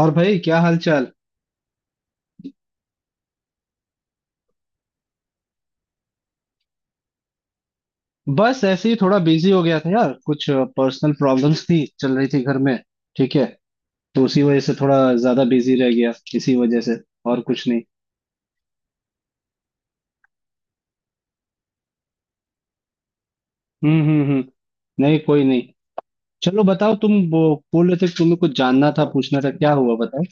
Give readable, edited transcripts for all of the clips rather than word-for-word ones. और भाई क्या हाल चाल। बस ऐसे ही थोड़ा बिजी हो गया था यार, कुछ पर्सनल प्रॉब्लम्स थी, चल रही थी घर में। ठीक है। तो उसी वजह से थोड़ा ज्यादा बिजी रह गया इसी वजह से, और कुछ नहीं। हम्म। नहीं, कोई नहीं। चलो बताओ, तुम वो बोल रहे थे कि तुम्हें कुछ जानना था, पूछना था, क्या हुआ बताओ।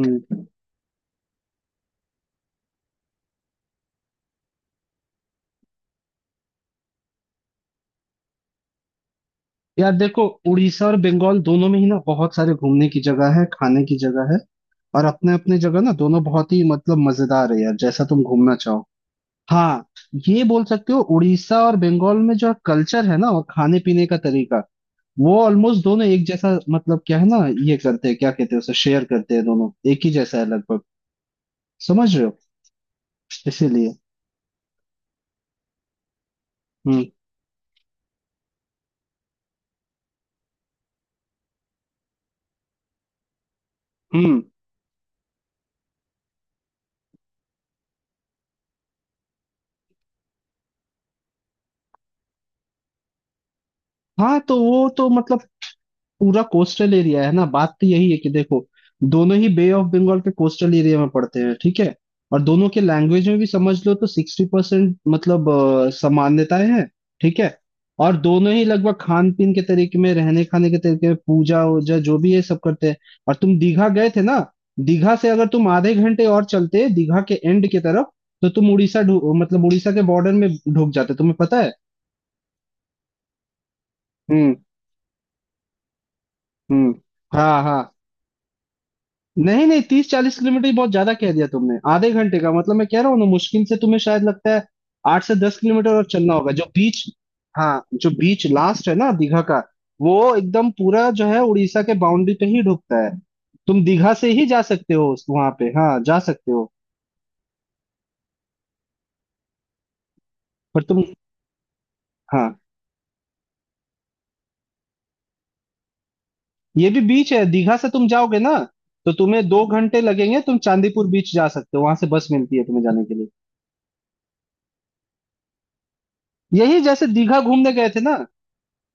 हम्म। यार देखो, उड़ीसा और बंगाल दोनों में ही ना बहुत सारे घूमने की जगह है, खाने की जगह है। और अपने अपने जगह ना दोनों बहुत ही मतलब मजेदार है यार, जैसा तुम घूमना चाहो। हाँ। ये बोल सकते हो, उड़ीसा और बंगाल में जो कल्चर है ना और खाने पीने का तरीका वो ऑलमोस्ट दोनों एक जैसा मतलब क्या है ना। ये करते हैं, क्या कहते हैं उसे, शेयर करते हैं, दोनों एक ही जैसा है लगभग। समझ रहे हो। इसीलिए। हम्म हम्म। हाँ तो वो तो मतलब पूरा कोस्टल एरिया है ना, बात तो यही है कि देखो, दोनों ही बे ऑफ बंगाल के कोस्टल एरिया में पड़ते हैं। ठीक है। और दोनों के लैंग्वेज में भी समझ लो तो 60% समानताएं हैं। ठीक है। और दोनों ही लगभग खान पीन के तरीके में, रहने खाने के तरीके में, पूजा वूजा जो भी है सब करते हैं। और तुम दीघा गए थे ना। दीघा से अगर तुम आधे घंटे और चलते दीघा के एंड की तरफ तो तुम उड़ीसा मतलब उड़ीसा के बॉर्डर में ढुक जाते, तुम्हें पता है। हम्म हम्म। हाँ हाँ। नहीं नहीं, 30-40 किलोमीटर ही बहुत ज्यादा कह दिया तुमने। आधे घंटे का मतलब मैं कह रहा हूँ ना, मुश्किल से तुम्हें शायद लगता है 8 से 10 किलोमीटर और चलना होगा जो बीच। हाँ। जो बीच लास्ट है ना दीघा का वो एकदम पूरा जो है उड़ीसा के बाउंड्री पे ही ढुकता है। तुम दीघा से ही जा सकते हो उस वहां पे, हाँ जा सकते हो। पर तुम। हाँ। ये भी बीच है, दीघा से तुम जाओगे ना तो तुम्हें 2 घंटे लगेंगे, तुम चांदीपुर बीच जा सकते हो, वहां से बस मिलती है तुम्हें जाने के लिए। यही, जैसे दीघा घूमने गए थे ना,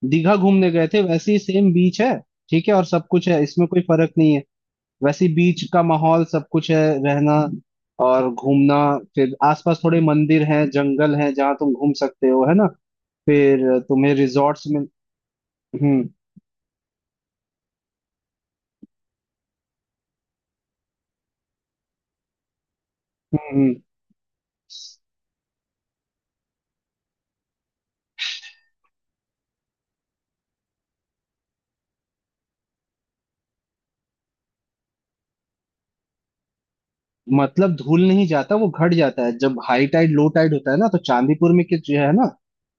दीघा घूमने गए थे वैसे ही सेम बीच है। ठीक है और सब कुछ है, इसमें कोई फर्क नहीं है। वैसे ही बीच का माहौल सब कुछ है, रहना और घूमना। फिर आसपास थोड़े मंदिर हैं, जंगल हैं जहाँ तुम घूम सकते हो, है ना। फिर तुम्हें रिजॉर्ट्स में। हम्म हम्म हम्म। मतलब धूल नहीं जाता, वो घट जाता है। जब हाई टाइड लो टाइड होता है ना तो चांदीपुर में के जो है ना,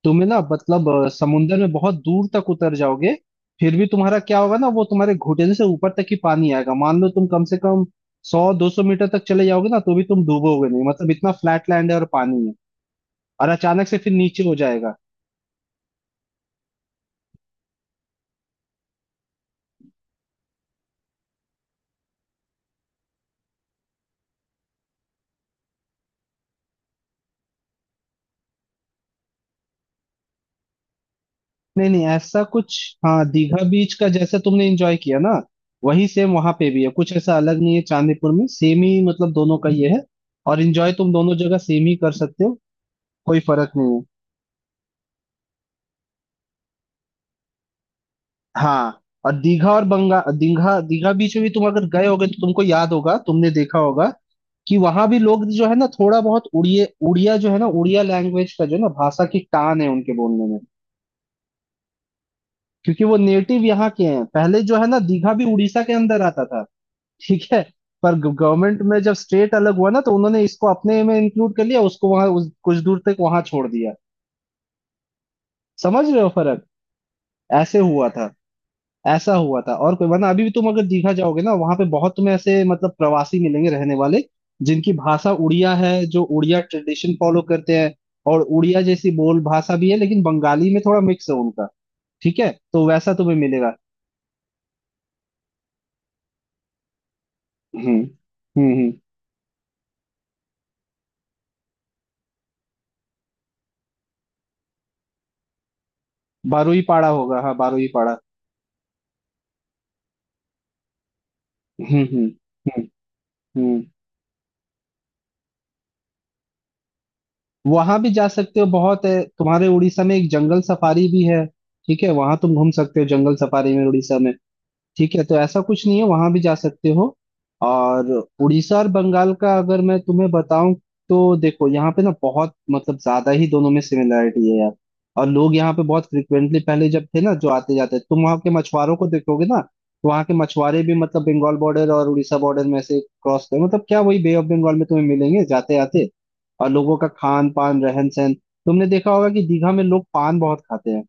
तुम्हें ना समुंदर में बहुत दूर तक उतर जाओगे। फिर भी तुम्हारा क्या होगा ना, वो तुम्हारे घुटने से ऊपर तक ही पानी आएगा। मान लो तुम कम से कम 100-200 मीटर तक चले जाओगे ना तो भी तुम डूबोगे नहीं, मतलब इतना फ्लैट लैंड है और पानी है, और अचानक से फिर नीचे हो जाएगा। नहीं नहीं ऐसा कुछ। हाँ, दीघा बीच का जैसा तुमने एंजॉय किया ना वही सेम वहां पे भी है, कुछ ऐसा अलग नहीं है चांदीपुर में, सेम ही मतलब दोनों का ये है। और एंजॉय तुम दोनों जगह सेम ही कर सकते हो, कोई फर्क नहीं है। हाँ। और दीघा और बंगा दीघा दीघा बीच में भी तुम अगर गए होगे तो तुमको याद होगा, तुमने देखा होगा कि वहां भी लोग जो है ना थोड़ा बहुत उड़िया उड़िया जो है ना, उड़िया लैंग्वेज का जो है ना भाषा की टान है उनके बोलने में। क्योंकि वो नेटिव यहाँ के हैं पहले, जो है ना, दीघा भी उड़ीसा के अंदर आता था। ठीक है। पर गवर्नमेंट में जब स्टेट अलग हुआ ना तो उन्होंने इसको अपने में इंक्लूड कर लिया, उसको वहां कुछ दूर तक वहां छोड़ दिया। समझ रहे हो फर्क, ऐसे हुआ था। ऐसा हुआ था, और कोई वरना अभी भी तुम अगर दीघा जाओगे ना वहां पे बहुत तुम्हें ऐसे मतलब प्रवासी मिलेंगे रहने वाले, जिनकी भाषा उड़िया है, जो उड़िया ट्रेडिशन फॉलो करते हैं। और उड़िया जैसी बोल भाषा भी है, लेकिन बंगाली में थोड़ा मिक्स है उनका। ठीक है, तो वैसा तुम्हें मिलेगा। हम्म हम्म। बारुई पाड़ा होगा, हाँ बारुई पाड़ा। हम्म हम्म हम्म हम्म। वहां भी जा सकते हो, बहुत है तुम्हारे उड़ीसा में, एक जंगल सफारी भी है। ठीक है, वहां तुम घूम सकते हो जंगल सफारी में उड़ीसा में। ठीक है, तो ऐसा कुछ नहीं है, वहां भी जा सकते हो। और उड़ीसा और बंगाल का अगर मैं तुम्हें बताऊं तो देखो, यहाँ पे ना बहुत मतलब ज्यादा ही दोनों में सिमिलरिटी है यार। और लोग यहाँ पे बहुत फ्रिक्वेंटली पहले जब थे ना, जो आते जाते, तुम वहाँ के मछुआरों को देखोगे ना तो वहाँ के मछुआरे भी मतलब बंगाल बॉर्डर और उड़ीसा बॉर्डर में से क्रॉस कर, मतलब क्या वही बे ऑफ बंगाल में तुम्हें मिलेंगे जाते आते। और लोगों का खान पान रहन सहन तुमने देखा होगा कि दीघा में लोग पान बहुत खाते हैं।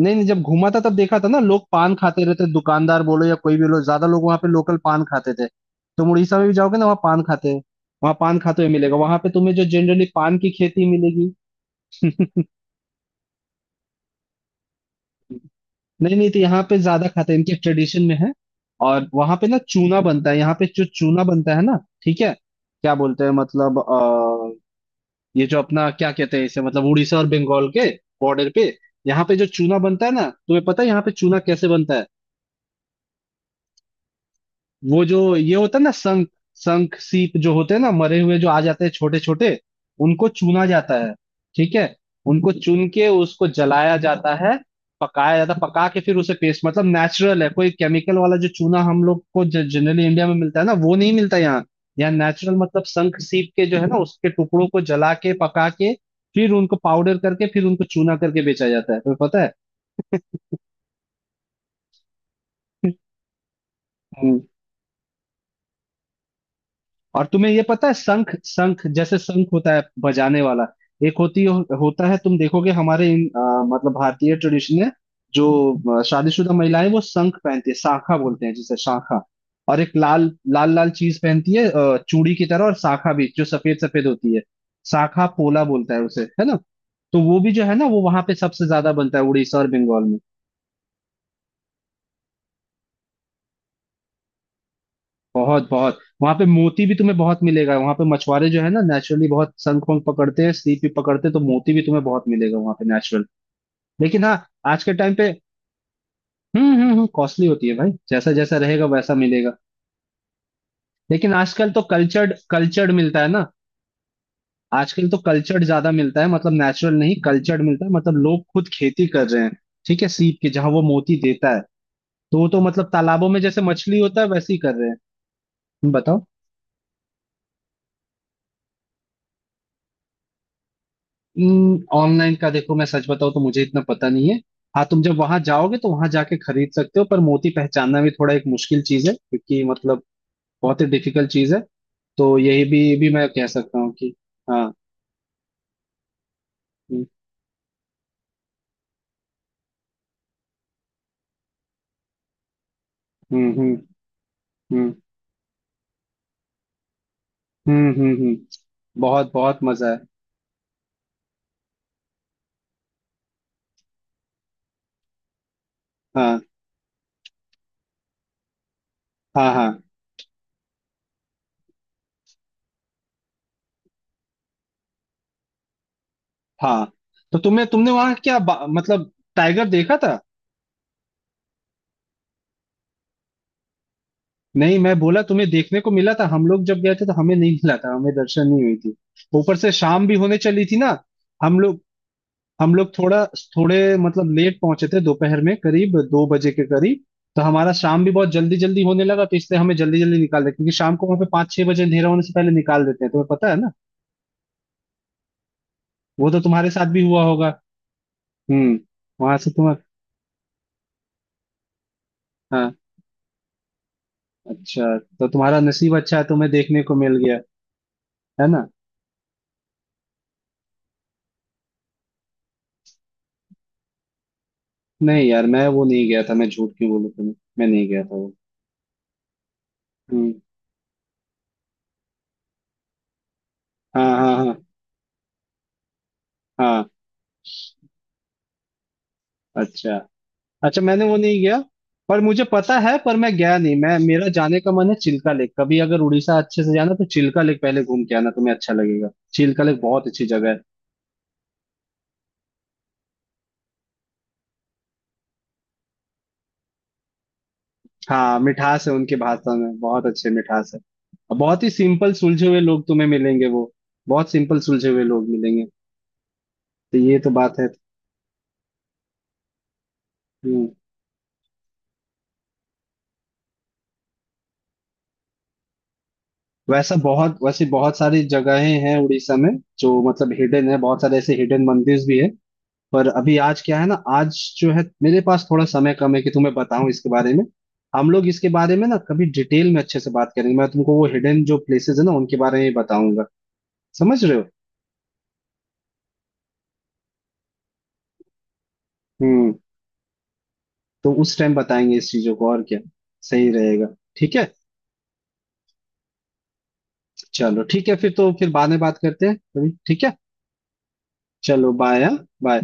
नहीं नहीं, जब घूमा था तब देखा था ना, लोग पान खाते रहते, दुकानदार बोलो या कोई भी लोग, ज्यादा लोग वहां पे लोकल पान खाते थे। तुम उड़ीसा में भी जाओगे ना, वहाँ पान खाते हैं। वहाँ पान खाते हुए मिलेगा, वहां पे तुम्हें जो जनरली पान की खेती मिलेगी। नहीं नहीं, तो यहाँ पे ज्यादा खाते हैं, इनके ट्रेडिशन में है। और वहां पे ना चूना बनता है, यहाँ पे जो चूना बनता है ना। ठीक है। क्या बोलते हैं मतलब अ, ये जो अपना क्या कहते हैं इसे, मतलब उड़ीसा और बंगाल के बॉर्डर पे, यहाँ पे जो चूना बनता है ना, तुम्हें पता है यहाँ पे चूना कैसे बनता है। वो जो ये होता है ना, संख संख सीप जो होते हैं ना मरे हुए, जो आ जाते हैं छोटे छोटे, उनको चुना जाता है। ठीक है। उनको चुन के उसको जलाया जाता है, पकाया जाता है, पका के फिर उसे पेस्ट, मतलब नेचुरल है, कोई केमिकल वाला जो चूना हम लोग को जनरली इंडिया में मिलता है ना वो नहीं मिलता यहाँ। यहाँ नेचुरल मतलब शंख सीप के जो है ना उसके टुकड़ों को जला के, पका के, फिर उनको पाउडर करके, फिर उनको चूना करके बेचा जाता है, तुम्हें पता है। और तुम्हें ये पता है शंख, शंख जैसे शंख होता है बजाने वाला, एक होता है, तुम देखोगे हमारे मतलब भारतीय ट्रेडिशन में जो शादीशुदा महिलाएं वो शंख पहनती है, शाखा बोलते हैं जिसे, शाखा। और एक लाल लाल लाल चीज पहनती है चूड़ी की तरह, और शाखा भी जो सफेद सफेद होती है, शाखा पोला बोलता है उसे, है ना। तो वो भी जो है ना वो वहां पे सबसे ज्यादा बनता है उड़ीसा और बंगाल में। बहुत बहुत वहां पे मोती भी तुम्हें बहुत मिलेगा, वहां पे मछुआरे जो है ना नेचुरली बहुत शंख पंख पकड़ते हैं, सीप भी पकड़ते हैं, तो मोती भी तुम्हें बहुत मिलेगा वहां पे नेचुरल। लेकिन हाँ, आज के टाइम पे कॉस्टली होती है भाई, जैसा जैसा रहेगा वैसा मिलेगा। लेकिन आजकल तो कल्चर्ड, कल्चर्ड मिलता है ना। आजकल तो कल्चर्ड ज्यादा मिलता है, मतलब नेचुरल नहीं, कल्चर्ड मिलता है, मतलब लोग खुद खेती कर रहे हैं, ठीक है, सीप की जहाँ वो मोती देता है। तो वो तो मतलब तालाबों में जैसे मछली होता है वैसे ही कर रहे हैं। बताओ। ऑनलाइन का देखो, मैं सच बताऊं तो मुझे इतना पता नहीं है। हाँ, तुम जब वहां जाओगे तो वहां जाके खरीद सकते हो, पर मोती पहचानना भी थोड़ा एक मुश्किल चीज है, क्योंकि मतलब बहुत ही डिफिकल्ट चीज है। तो यही भी मैं कह सकता हूँ कि हाँ। हम्म हम्म हम्म हम्म हम्म। बहुत बहुत मजा है। हाँ हाँ हाँ हाँ। तो तुम्हें तुमने वहां मतलब टाइगर देखा था। नहीं मैं बोला तुम्हें देखने को मिला था, हम लोग जब गए थे तो हमें नहीं मिला था, हमें दर्शन नहीं हुई थी। ऊपर से शाम भी होने चली थी ना। हम लोग हम लोग थोड़ा थोड़े मतलब लेट पहुंचे थे, दोपहर में करीब 2 बजे के करीब। तो हमारा शाम भी बहुत जल्दी जल्दी होने लगा, तो इसलिए हमें जल्दी जल्दी निकाल दिया, क्योंकि शाम को वहां पे 5-6 बजे अंधेरा होने से पहले निकाल देते हैं, तुम्हें पता है ना। वो तो तुम्हारे साथ भी हुआ होगा। हम्म। वहां से तुम। हाँ। अच्छा तो तुम्हारा नसीब अच्छा है, तुम्हें देखने को मिल गया। है ना। नहीं यार, मैं वो नहीं गया था, मैं झूठ क्यों बोलूं तुम्हें। मैं नहीं गया था वो। हम्म। हाँ हाँ हाँ हाँ। अच्छा। अच्छा मैंने वो नहीं गया, पर मुझे पता है, पर मैं गया नहीं। मैं, मेरा जाने का मन है चिल्का लेक, कभी अगर उड़ीसा अच्छे से जाना तो चिल्का लेक पहले घूम के आना, तुम्हें अच्छा लगेगा। चिल्का लेक बहुत अच्छी जगह है। हाँ, मिठास है उनकी भाषा में, बहुत अच्छे मिठास है। और बहुत ही सिंपल सुलझे हुए लोग तुम्हें मिलेंगे वो। बहुत सिंपल सुलझे हुए लोग मिलेंगे। तो ये तो बात है। हम्म। वैसा बहुत वैसे बहुत सारी जगहें हैं उड़ीसा में, जो मतलब हिडन है, बहुत सारे ऐसे हिडन मंदिर भी है। पर अभी आज क्या है ना, आज जो है मेरे पास थोड़ा समय कम है कि तुम्हें बताऊं इसके बारे में। हम लोग इसके बारे में ना कभी डिटेल में अच्छे से बात करेंगे, मैं तुमको वो हिडन जो प्लेसेस है ना उनके बारे में बताऊंगा। समझ रहे हो। हम्म। तो उस टाइम बताएंगे इस चीजों को, और क्या सही रहेगा। ठीक है। चलो ठीक है, फिर तो फिर बाद में बात करते हैं कभी, ठीक है। चलो बाय। बाय।